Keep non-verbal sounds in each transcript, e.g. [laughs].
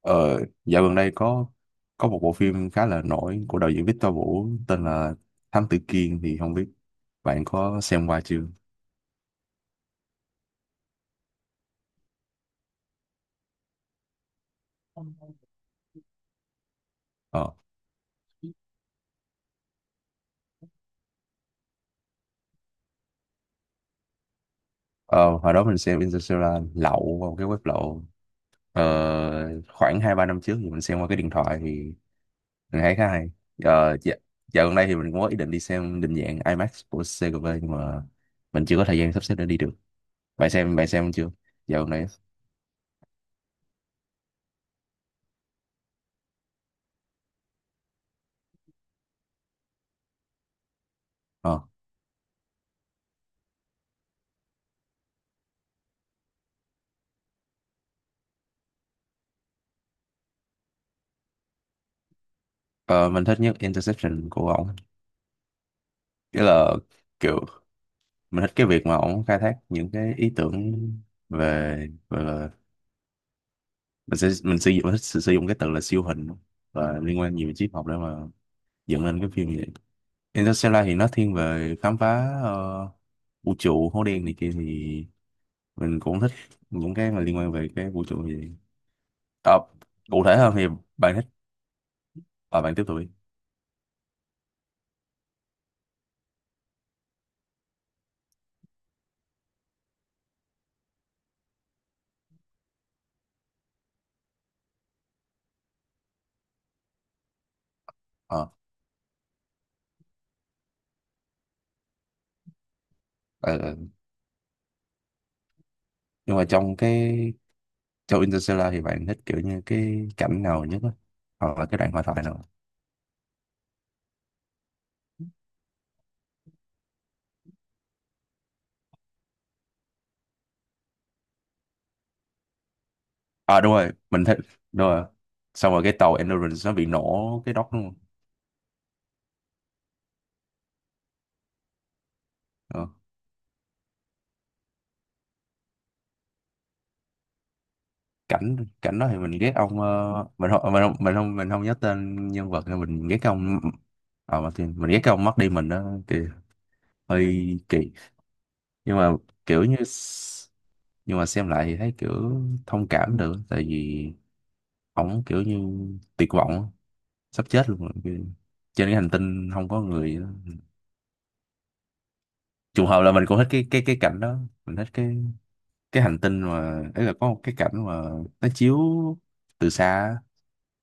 Ờ, Dạo gần đây có một bộ phim khá là nổi của đạo diễn Victor Vũ tên là Thám Tử Kiên thì không biết bạn có xem qua chưa? Ờ, ờ Hồi đó mình xem Interstellar lậu qua một cái web lậu, khoảng hai ba năm trước thì mình xem qua cái điện thoại thì mình thấy khá hay. Dạ, dạo gần đây thì mình cũng có ý định đi xem định dạng IMAX của CGV nhưng mà mình chưa có thời gian sắp xếp để đi được. Bạn xem chưa? Dạo gần đây. Ờ, ờ, mình thích nhất Interception của ổng. Nghĩa là kiểu mình thích cái việc mà ổng khai thác những cái ý tưởng về, gọi là, mình thích sử sử dụng cái từ là siêu hình và liên quan nhiều đến triết học để mà dựng lên cái phim như vậy. Interstellar thì nó thiên về khám phá vũ trụ hố đen này kia thì mình cũng thích những cái mà liên quan về cái vũ trụ như vậy. Ờ, Cụ thể hơn thì bạn thích, à, bạn tiếp tục đi. Ờ, ờ, ờ. Nhưng mà trong Interstellar thì bạn thích kiểu như cái cảnh nào nhất á, hoặc là cái đoạn hội thoại nào? À đúng rồi, mình thích, đúng rồi, xong rồi cái tàu Endurance nó bị nổ cái đốc đúng không? Ờ. cảnh cảnh đó thì mình ghét ông, mình không nhớ tên nhân vật nên mình ghét cái ông, ờ Martin, mình ghét cái ông mất đi mình đó kì, hơi kỳ. Nhưng mà kiểu như nhưng mà xem lại thì thấy kiểu thông cảm được, tại vì ổng kiểu như tuyệt vọng á, sắp chết luôn rồi. Kiểu trên cái hành tinh không có người á. Trùng hợp là mình cũng thích cái cảnh đó. Mình thích cái hành tinh mà ấy, là có một cái cảnh mà nó chiếu từ xa á,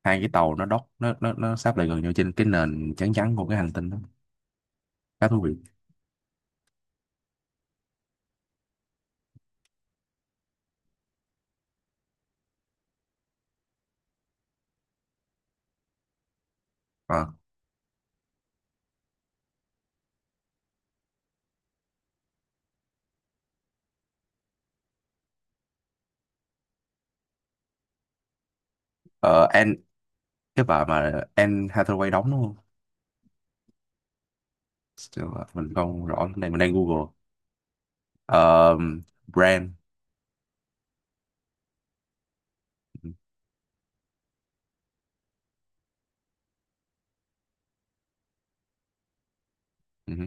hai cái tàu nó đóc nó sáp lại gần nhau trên cái nền trắng trắng của cái hành tinh đó, khá thú vị. à, ờ, Anne, cái bà mà Anne Hathaway đóng đúng không? Chứ mà mình không rõ lắm. Đây mình đang Google. Ờ, brand. Ừ, ừ, ừ.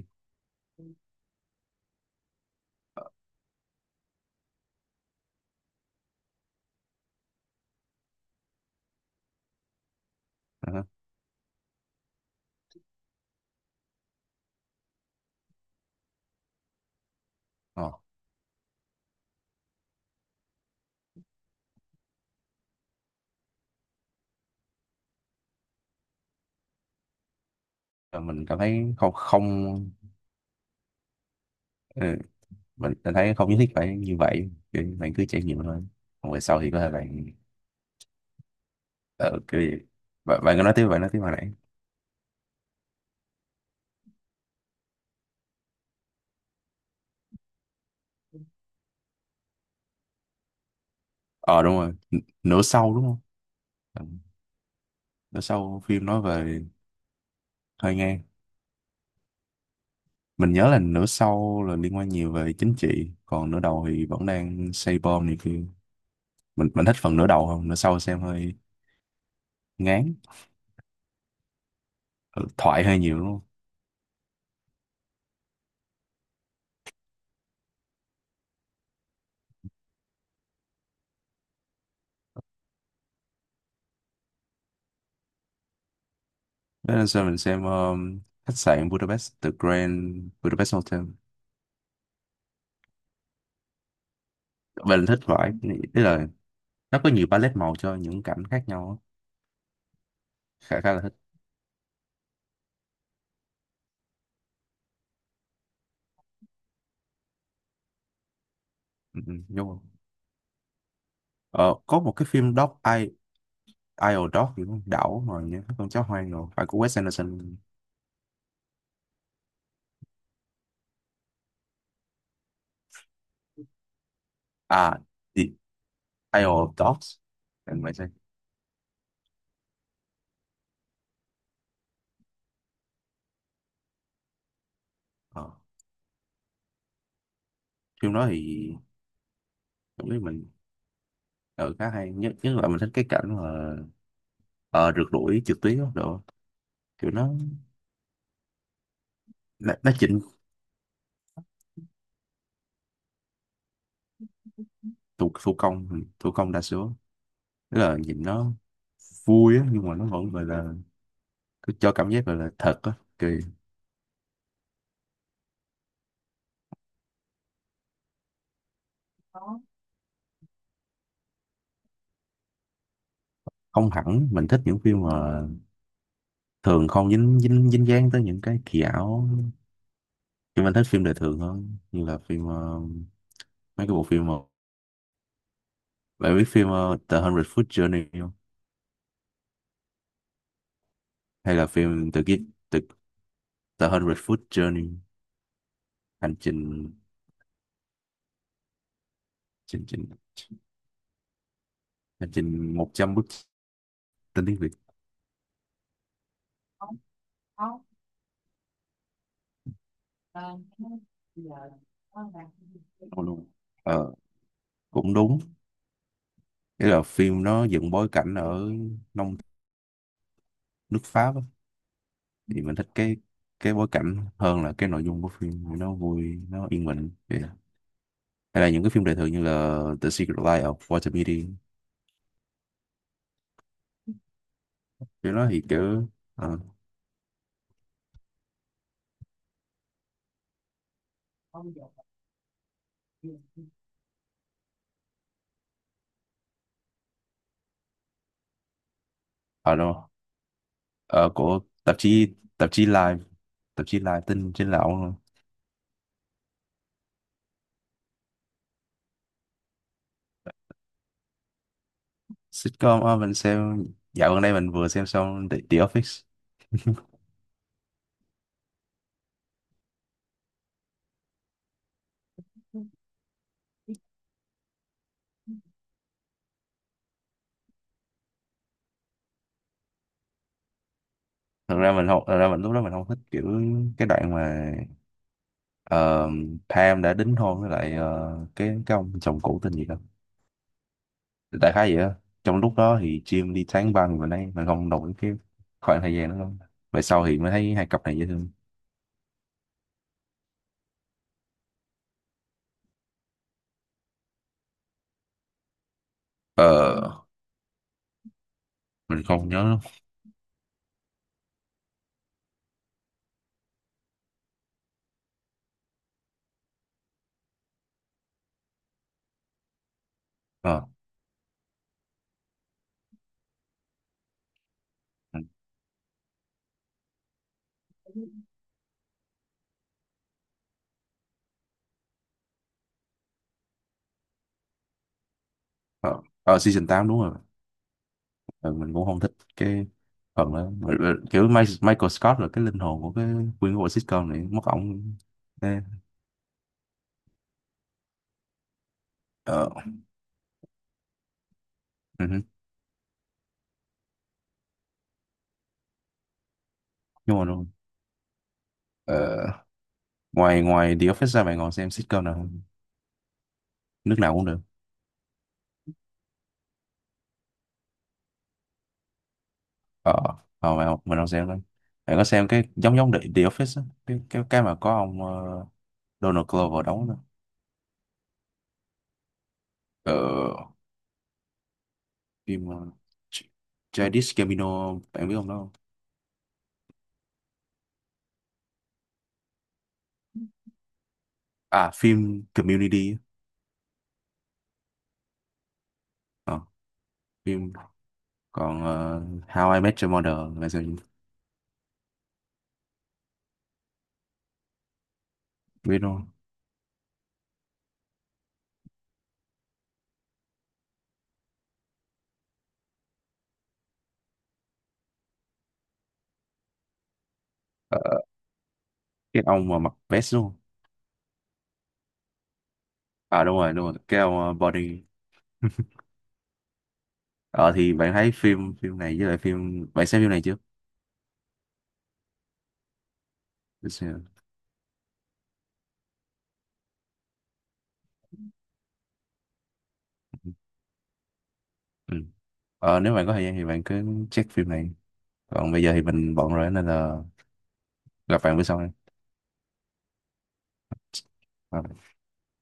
Ờ, ờ, ờ, mình cảm thấy không, không. Ừ, mình thấy không nhất thiết phải như vậy. Kiểu như bạn cứ trải nghiệm thôi, còn về sau thì có thể bạn, ờ, kiểu gì. Bạn, bạn cứ nói tiếp, hồi nãy. Ờ đúng rồi, nửa sau đúng không? Ừ, nửa sau phim nói về, hơi ngang, mình nhớ là nửa sau là liên quan nhiều về chính trị, còn nửa đầu thì vẫn đang xây bom này kia. Mình thích phần nửa đầu hơn, nửa sau xem hơi ngán. Ừ, thoại hơi nhiều đúng không? Thế nên sao mình xem, khách sạn Budapest, The Grand Budapest Hotel. Mình thích thoại, tức là nó có nhiều palette màu cho những cảnh khác nhau á. Khá Khá là thích. Ừ, ừ, đúng không? Ờ, có một cái phim Dog, Isle Dog thì con đảo rồi nhé, con chó hoang rồi phải, của Wes Anderson. À, The Isle of Dogs, em phải xem. Ờ. Phim đó thì cảm thấy mình ở khá hay, nhất nhất là mình thích cái cảnh mà, ờ, rượt đuổi trượt tuyết đó đồ, kiểu nó chỉnh thủ, thủ công đa số, tức là nhìn nó vui á, nhưng mà nó vẫn gọi là cứ cho cảm giác gọi là thật á. Kỳ. Không hẳn, mình thích những phim mà thường không dính dính dính dáng tới những cái kỳ ảo, nhưng anh thích phim đời thường hơn, như là phim, mấy cái bộ phim mà, bạn biết phim The Hundred Foot Journey không? Hay là phim The, The Hundred Foot Journey, hành trình, trình trình hành trình 100 bước, tên tiếng Việt luôn. ờ, Cũng đúng. Nghĩa là phim nó dựng bối cảnh ở nông nước Pháp á. Thì mình thích cái bối cảnh hơn là cái nội dung của phim, vì nó vui, nó yên bình vậy. Hay là những cái phim đời thường như là The Secret Life of Walter Mitty. Cái đó thì kiểu, ờ, đâu, ờ, của tạp chí, Live, tạp chí Live tin trên lậu. Sitcom, mình xem, dạo gần đây mình vừa xem xong The Office. Thật ra mình không, thật ra mình lúc đó mình không thích kiểu cái đoạn mà, ờ, Pam đã đính hôn với lại, cái ông chồng cũ tên gì đó, đại khái vậy đó. Trong lúc đó thì Jim đi tán băng, và đây mình không đồng ý cái khoảng thời gian đó lắm. Về sau thì mới thấy hai cặp này dễ thương. Ờ mình không nhớ lắm. Ờ ờ, ờ, season 8 đúng rồi. Ừ, mình cũng không thích cái phần đó. Mà kiểu Michael Scott là cái linh hồn của cái, nguyên của bộ sitcom này, mất ổng. Ê, ờ, ừ, hứ, đúng rồi, đúng rồi. Ờ, ngoài ngoài The Office ra bạn còn xem sitcom nào không, nước nào cũng được. Ờ, ờ bạn mình không xem lắm. Bạn có xem cái giống giống The Office á, cái mà có ông, Donald Glover đóng đó. Ờ phim, Ch- Childish Gambino bạn biết ông đó không? À phim Community á. Ờ, phim, còn How I Met Your Mother là sao, biết luôn. Ờ, cái ông mà mặc vest luôn. À đúng rồi, đúng rồi, cái ông, body. [laughs] Ờ thì bạn thấy phim, phim này với lại phim bạn xem phim này chưa? Để xem. Ừ. Ờ, nếu bạn có thời gian thì bạn cứ check phim này, còn bây giờ thì mình bận rồi nên là gặp bạn bữa sau nha. Bye bye.